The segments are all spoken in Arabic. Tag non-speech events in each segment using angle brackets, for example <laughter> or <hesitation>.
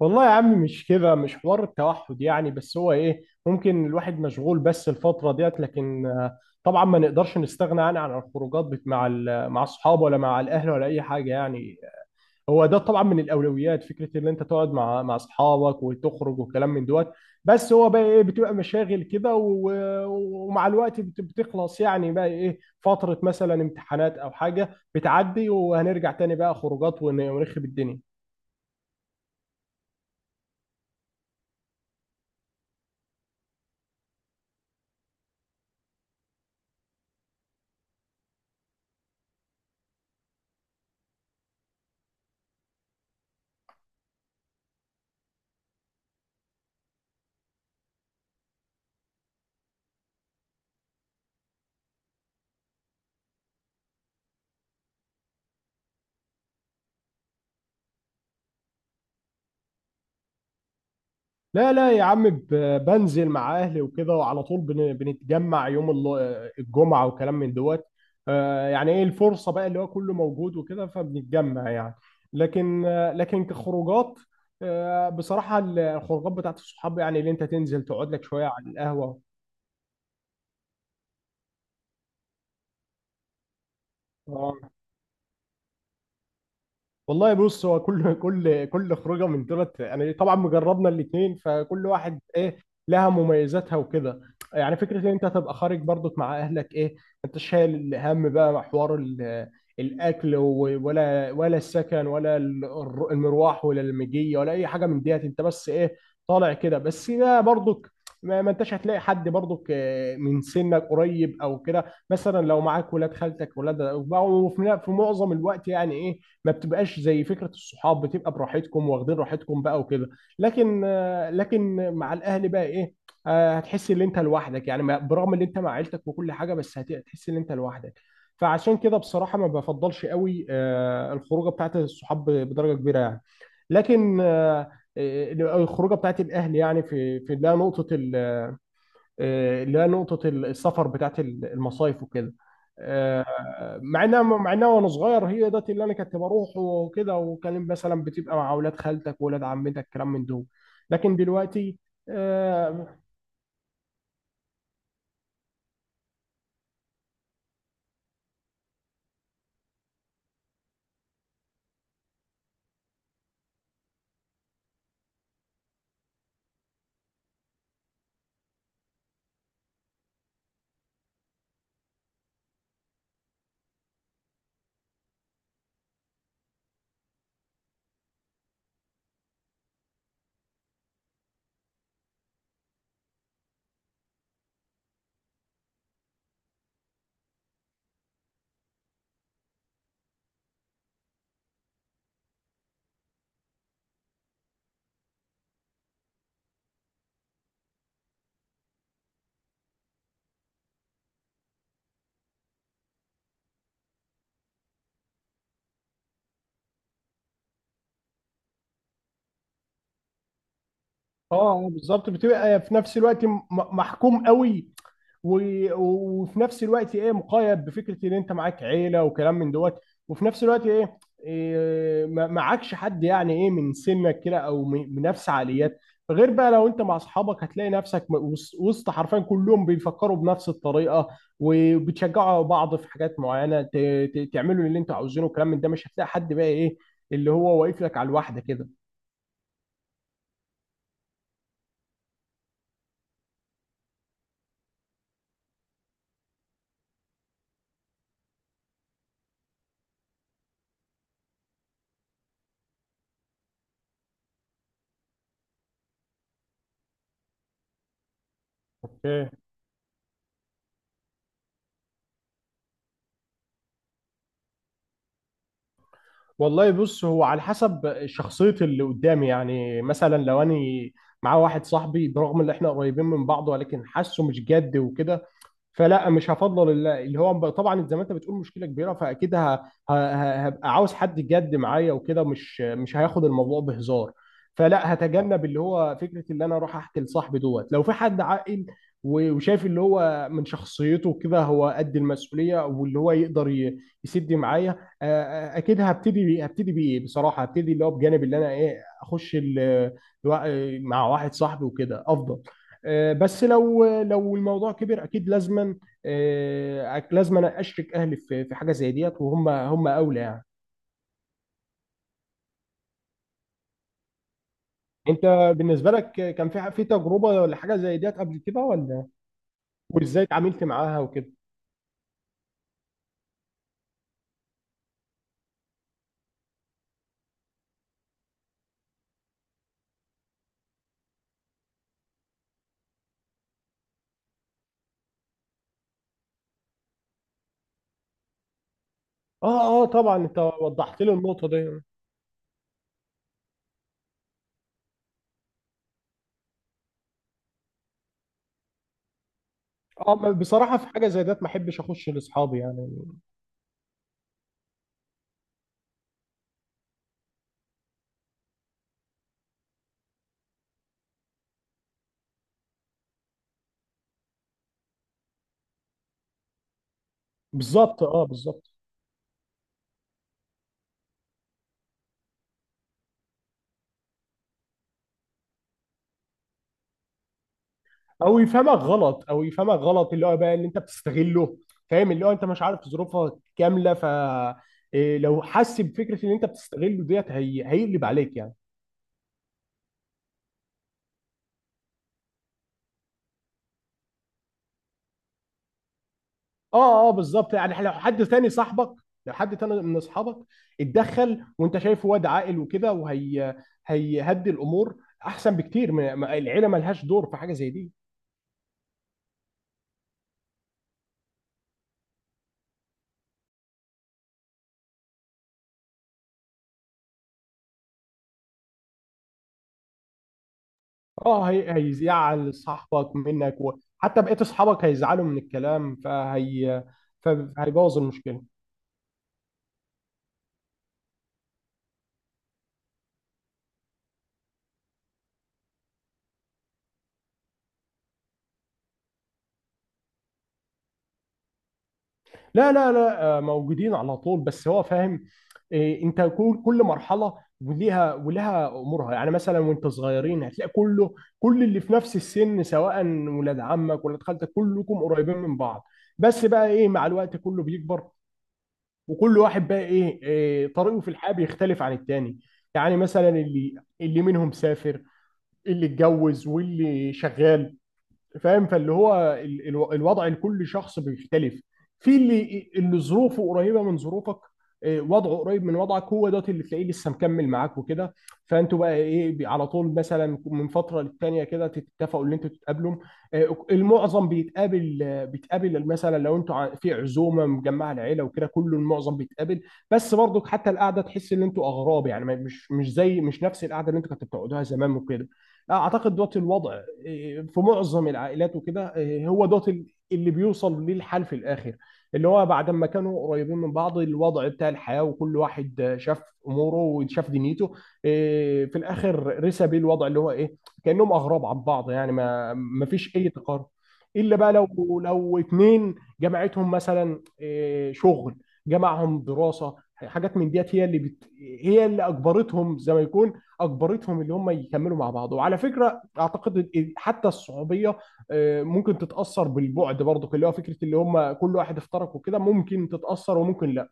والله يا عم، مش كده، مش حوار التوحد يعني. بس هو ايه، ممكن الواحد مشغول بس الفترة ديت. لكن طبعا ما نقدرش نستغنى عن الخروجات مع الصحاب، ولا مع الاهل، ولا اي حاجة يعني. هو ده طبعا من الاولويات، فكرة ان انت تقعد مع اصحابك وتخرج وكلام من دوت. بس هو بقى ايه، بتبقى مشاغل كده ومع الوقت بتخلص، يعني بقى ايه، فترة مثلا امتحانات او حاجة بتعدي، وهنرجع تاني بقى خروجات ونخرب الدنيا. لا لا يا عم، بنزل مع اهلي وكده، وعلى طول بنتجمع يوم الجمعة وكلام من دوت. يعني ايه، الفرصة بقى اللي هو كله موجود وكده، فبنتجمع يعني. لكن لكن كخروجات. بصراحة الخروجات بتاعت الصحاب، يعني اللي انت تنزل تقعد لك شوية على القهوة. آه. والله بص، هو كل <laughs> كل خروجه من دولت، يعني طبعا مجربنا الاثنين، فكل واحد ايه لها مميزاتها وكده. يعني فكره ان انت تبقى خارج برضك مع اهلك، ايه، انت شايل الهم بقى، مع حوار <hesitation> الاكل، ولا السكن، ولا المروح ولا المجيه، ولا اي حاجه من ديت. انت بس ايه، طالع كده. بس ده برضك، ما انتش هتلاقي حد برضك من سنك قريب او كده، مثلا لو معاك ولاد خالتك ولاد. وفي معظم الوقت يعني ايه، ما بتبقاش زي فكره الصحاب، بتبقى براحتكم، واخدين راحتكم بقى وكده. لكن لكن مع الاهل بقى ايه، هتحس ان انت لوحدك يعني، ما- برغم ان انت مع عيلتك وكل حاجه، بس هتحس ان انت لوحدك. فعشان كده بصراحه ما بفضلش قوي الخروجه بتاعت الصحاب بدرجه كبيره يعني. لكن الخروجه بتاعت الاهل، يعني في ده نقطه، اللي هي نقطة السفر بتاعت المصايف وكده. آه، مع انها وانا صغير، هي ده اللي انا كنت بروح وكده، وكان مثلا بتبقى مع اولاد خالتك واولاد عمتك، كلام من دول. لكن دلوقتي، اه. بالظبط، بتبقى في نفس الوقت محكوم قوي، وفي نفس الوقت ايه، مقيد بفكره ان انت معاك عيله وكلام من دوت. وفي نفس الوقت ايه، إيه، ما- معكش حد يعني ايه، من سنك كده، او من نفس عقليات. غير بقى لو انت مع اصحابك، هتلاقي نفسك وسط حرفيا كلهم بيفكروا بنفس الطريقه، وبتشجعوا بعض في حاجات معينه، تعملوا اللي انتوا عاوزينه وكلام من ده. مش هتلاقي حد بقى ايه، اللي هو واقف لك على الواحده كده. والله بص، هو على حسب شخصية اللي قدامي، يعني مثلا لو أنا معاه واحد صاحبي، برغم إن إحنا قريبين من بعض، ولكن حاسه مش جد وكده، فلا، مش هفضل طبعا زي ما انت بتقول مشكله كبيره، فاكيد هبقى عاوز حد جد معايا وكده، مش هياخد الموضوع بهزار. فلا، هتجنب اللي هو فكره اللي انا اروح احكي لصاحبي دوت. لو في حد عاقل، وشايف اللي هو من شخصيته كده هو قد المسؤوليه، واللي هو يقدر يسد معايا، آه، اكيد هبتدي بايه، بصراحه هبتدي اللي هو بجانب، اللي انا ايه اخش مع واحد صاحبي وكده افضل. بس لو الموضوع كبر، اكيد لازما لازما اشرك اهلي في حاجه زي ديت، وهم اولى يعني. انت بالنسبه لك كان في تجربه ولا حاجه زي ديت قبل كده ولا؟ وازاي اتعاملت معاها وكده؟ اه اه طبعا، انت وضحت لي النقطه دي. اه بصراحه، في حاجه زي ديت ما احبش اخش لاصحابي يعني. بالظبط اه بالظبط. او يفهمك غلط، اللي هو بقى اللي انت بتستغله. فاهم، اللي هو انت مش عارف ظروفها كامله، ف إيه، لو حس بفكره ان انت بتستغله ديت، هي... هيقلب عليك يعني. اه اه بالظبط، يعني لو حد تاني صاحبك، لو حد تاني من اصحابك اتدخل، وانت شايفه واد عاقل وكده، وهي هيهدي الامور، احسن بكتير من ما- العيله. ملهاش دور في حاجه زي دي. اه، هي... هيزعل صاحبك منك، وحتى بقيت اصحابك هيزعلوا من الكلام، فهي فهيبوظ المشكله. لا لا لا، موجودين على طول، بس هو فاهم إيه، انت كل مرحله ولها امورها يعني. مثلا وانت صغيرين هتلاقي كل اللي في نفس السن، سواء ولاد عمك ولاد خالتك، كلكم قريبين من بعض. بس بقى ايه، مع الوقت كله بيكبر، وكل واحد بقى ايه، إيه طريقه في الحياه بيختلف عن التاني. يعني مثلا اللي منهم سافر، اللي اتجوز، واللي شغال، فاهم. فاللي هو الوضع لكل شخص بيختلف. في اللي ظروفه قريبه من ظروفك، وضعه قريب من وضعك، هو دوت اللي تلاقيه لسه مكمل معاك وكده. فانتوا بقى ايه على طول، مثلا من فتره للتانيه كده تتفقوا ان انتوا تتقابلوا. المعظم بيتقابل، بيتقابل مثلا لو انتوا في عزومه مجمعه العيله وكده، كله المعظم بيتقابل. بس برضك حتى القعده، تحس ان انتوا اغراب يعني، ما- مش زي مش نفس القعده اللي انتوا كنتوا بتقعدوها زمان وكده. اعتقد دوت الوضع إيه، في معظم العائلات وكده. إيه، هو دوت اللي بيوصل ليه الحال في الاخر، اللي هو بعد ما كانوا قريبين من بعض، الوضع بتاع الحياه وكل واحد شاف اموره وشاف دنيته، إيه، في الاخر رسى بيه الوضع اللي هو ايه، كانهم اغراب عن بعض يعني، ما فيش اي تقارب. الا بقى لو اتنين جمعتهم مثلا إيه، شغل، جمعهم دراسه، حاجات من ديت، هي اللي بت... هي اللي اجبرتهم زي ما يكون، اجبرتهم اللي هم يكملوا مع بعض. وعلى فكره اعتقد إن حتى الصعوبيه، ممكن تتاثر بالبعد برضو، اللي هو فكره اللي هم كل واحد افترق وكده، ممكن تتاثر وممكن لا.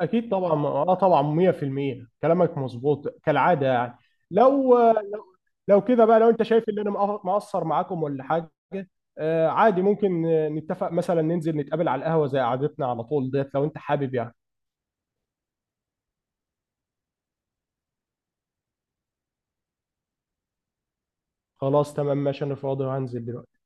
اكيد طبعا، اه طبعا 100% كلامك مظبوط كالعاده يعني. لو لو كده بقى، لو انت شايف ان انا مقصر معاكم ولا حاجه، عادي، ممكن نتفق مثلا ننزل نتقابل على القهوه زي قعدتنا على طول ديت، لو انت حابب يعني. خلاص تمام، ماشي، انا فاضي وهنزل دلوقتي.